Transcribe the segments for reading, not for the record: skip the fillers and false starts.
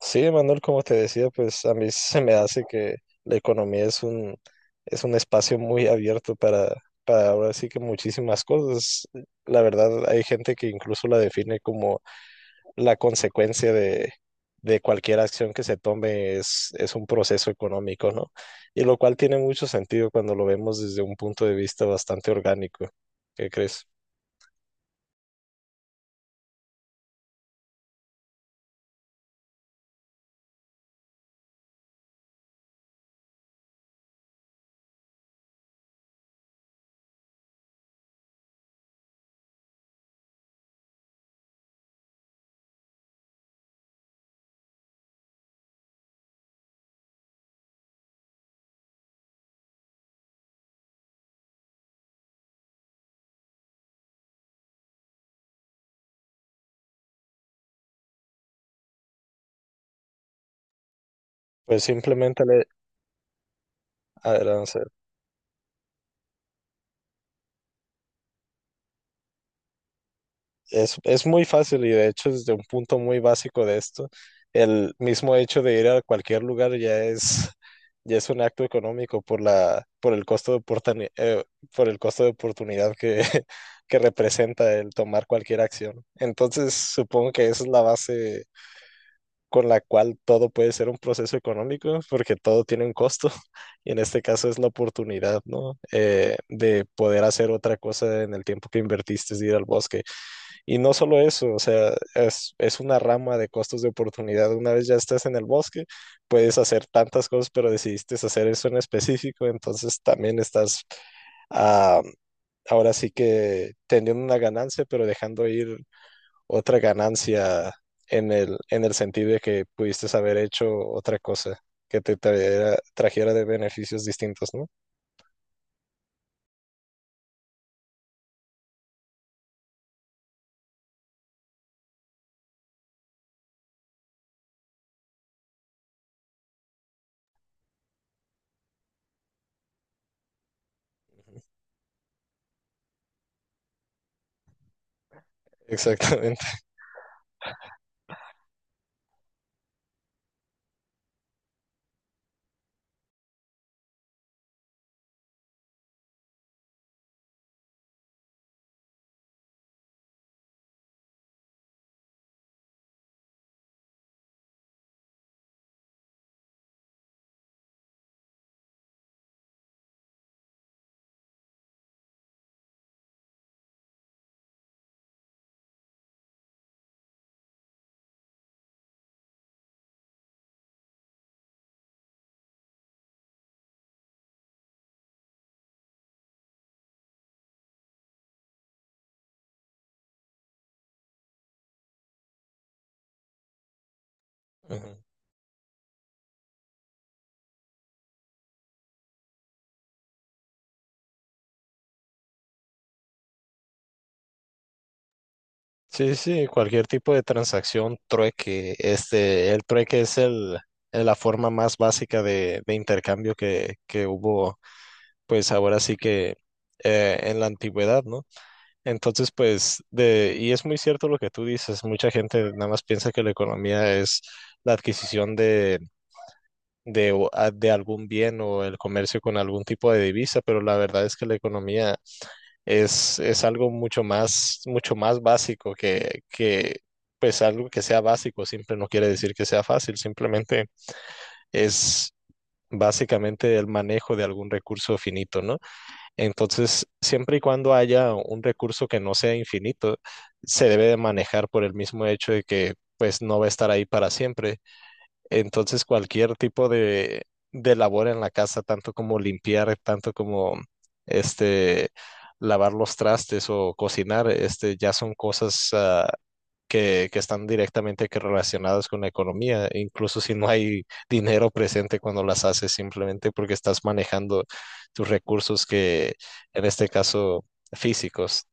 Sí, Manuel, como te decía, pues a mí se me hace que la economía es un espacio muy abierto para ahora sí que muchísimas cosas. La verdad, hay gente que incluso la define como la consecuencia de cualquier acción que se tome es un proceso económico, ¿no? Y lo cual tiene mucho sentido cuando lo vemos desde un punto de vista bastante orgánico. ¿Qué crees? Pues simplemente le... adelante. Es muy fácil y de hecho desde un punto muy básico de esto, el mismo hecho de ir a cualquier lugar ya es un acto económico por por el costo de por el costo de oportunidad que, que representa el tomar cualquier acción. Entonces supongo que esa es la base con la cual todo puede ser un proceso económico porque todo tiene un costo y en este caso es la oportunidad, ¿no? De poder hacer otra cosa en el tiempo que invertiste, de ir al bosque y no solo eso, o sea, es una rama de costos de oportunidad. Una vez ya estás en el bosque, puedes hacer tantas cosas, pero decidiste hacer eso en específico, entonces también estás ah, ahora sí que teniendo una ganancia, pero dejando ir otra ganancia en en el sentido de que pudiste haber hecho otra cosa que te trajera de beneficios distintos, ¿no? Exactamente. Ujú. Sí, sí, cualquier tipo de transacción, trueque, este, el trueque es la forma más básica de intercambio que hubo, pues ahora sí que en la antigüedad, ¿no? Entonces, pues, de, y es muy cierto lo que tú dices, mucha gente nada más piensa que la economía es la adquisición de algún bien o el comercio con algún tipo de divisa, pero la verdad es que la economía es algo mucho más, mucho más básico. Pues algo que sea básico, siempre no quiere decir que sea fácil, simplemente es básicamente el manejo de algún recurso finito, ¿no? Entonces, siempre y cuando haya un recurso que no sea infinito, se debe de manejar por el mismo hecho de que pues no va a estar ahí para siempre. Entonces, cualquier tipo de labor en la casa, tanto como limpiar, tanto como este, lavar los trastes o cocinar, este, ya son cosas que están directamente que relacionadas con la economía, incluso si no hay dinero presente cuando las haces, simplemente porque estás manejando tus recursos que, en este caso, físicos.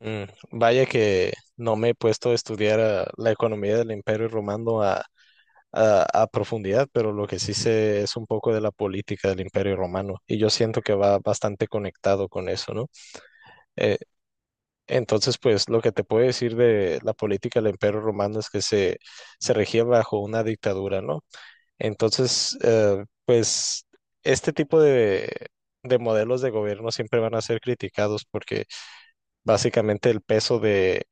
Mm, vaya que no me he puesto a estudiar la economía del Imperio Romano a profundidad, pero lo que sí sé es un poco de la política del Imperio Romano y yo siento que va bastante conectado con eso, ¿no? Eh, entonces, pues lo que te puedo decir de la política del Imperio Romano es que se regía bajo una dictadura, ¿no? Entonces, pues este tipo de modelos de gobierno siempre van a ser criticados porque básicamente el peso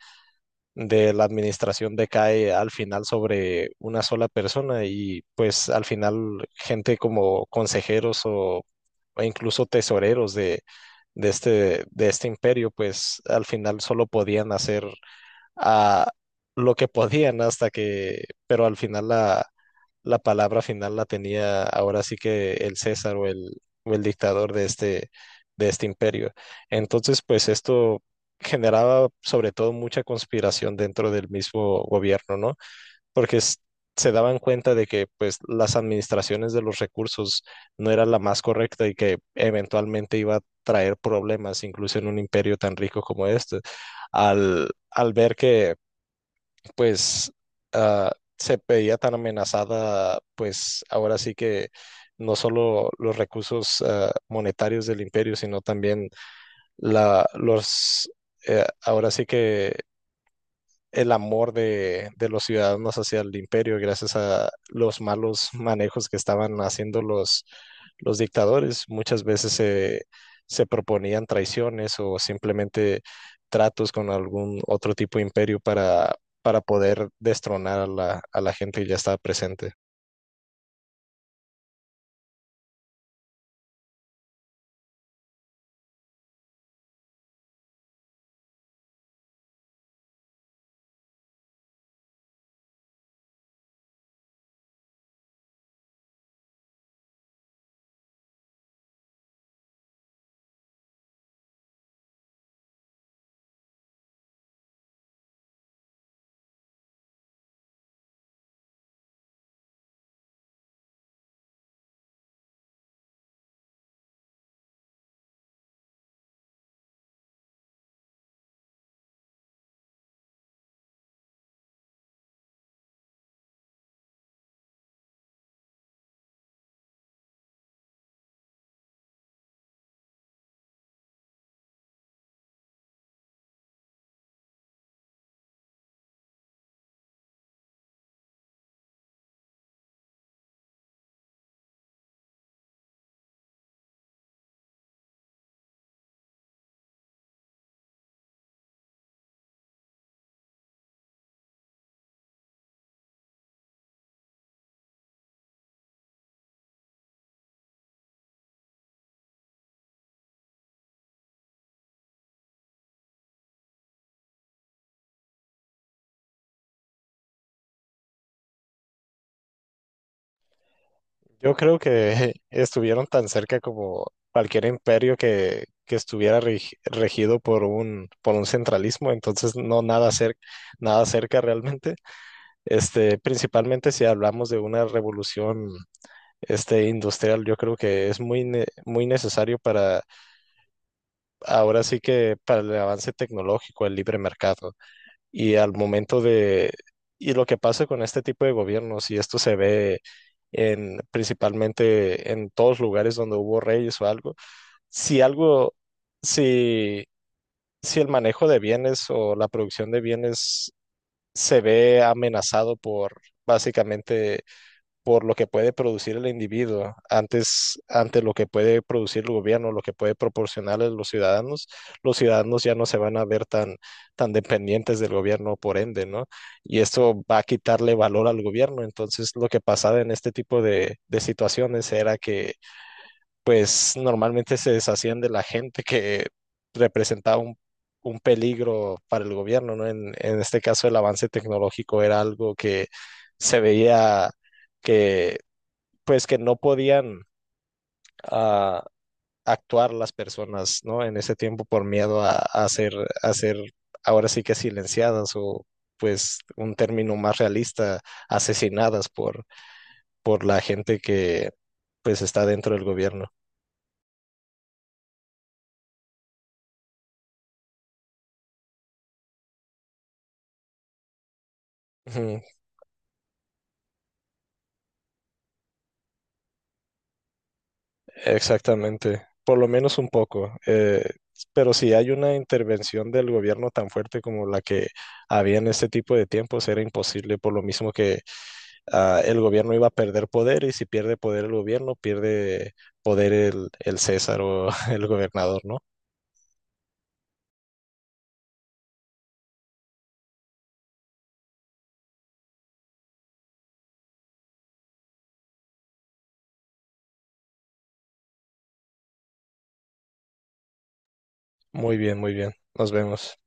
de la administración decae al final sobre una sola persona y pues al final gente como consejeros o incluso tesoreros de este imperio pues al final solo podían hacer ah, lo que podían hasta que, pero al final la palabra final la tenía ahora sí que el César o o el dictador de este imperio. Entonces, pues esto generaba sobre todo mucha conspiración dentro del mismo gobierno, ¿no? Porque es- Se daban cuenta de que pues las administraciones de los recursos no era la más correcta y que eventualmente iba a traer problemas, incluso en un imperio tan rico como este, al ver que pues ah, se veía tan amenazada, pues ahora sí que no solo los recursos monetarios del imperio, sino también la, los, ahora sí que el amor de los ciudadanos hacia el imperio gracias a los malos manejos que estaban haciendo los dictadores. Muchas veces se proponían traiciones o simplemente tratos con algún otro tipo de imperio para poder destronar a a la gente que ya estaba presente. Yo creo que estuvieron tan cerca como cualquier imperio que estuviera regido por por un centralismo, entonces nada cerca realmente. Este, principalmente si hablamos de una revolución este, industrial, yo creo que es muy necesario para, ahora sí que para el avance tecnológico, el libre mercado. Y al momento de, y lo que pasa con este tipo de gobiernos, y esto se ve en, principalmente en todos lugares donde hubo reyes o algo, si algo, si, si el manejo de bienes o la producción de bienes se ve amenazado por básicamente por lo que puede producir el individuo antes ante lo que puede producir el gobierno, lo que puede proporcionar a los ciudadanos ya no se van a ver tan, tan dependientes del gobierno por ende, ¿no? Y esto va a quitarle valor al gobierno. Entonces, lo que pasaba en este tipo de situaciones era que, pues, normalmente se deshacían de la gente que representaba un peligro para el gobierno, ¿no? En este caso, el avance tecnológico era algo que se veía que pues que no podían ah, actuar las personas, ¿no? En ese tiempo por miedo a ser ahora sí que silenciadas o pues un término más realista, asesinadas por la gente que pues está dentro del gobierno. Ujú. Exactamente, por lo menos un poco. Pero si hay una intervención del gobierno tan fuerte como la que había en este tipo de tiempos, era imposible, por lo mismo que el gobierno iba a perder poder y si pierde poder el gobierno, pierde poder el César o el gobernador, ¿no? Muy bien, muy bien. Nos vemos.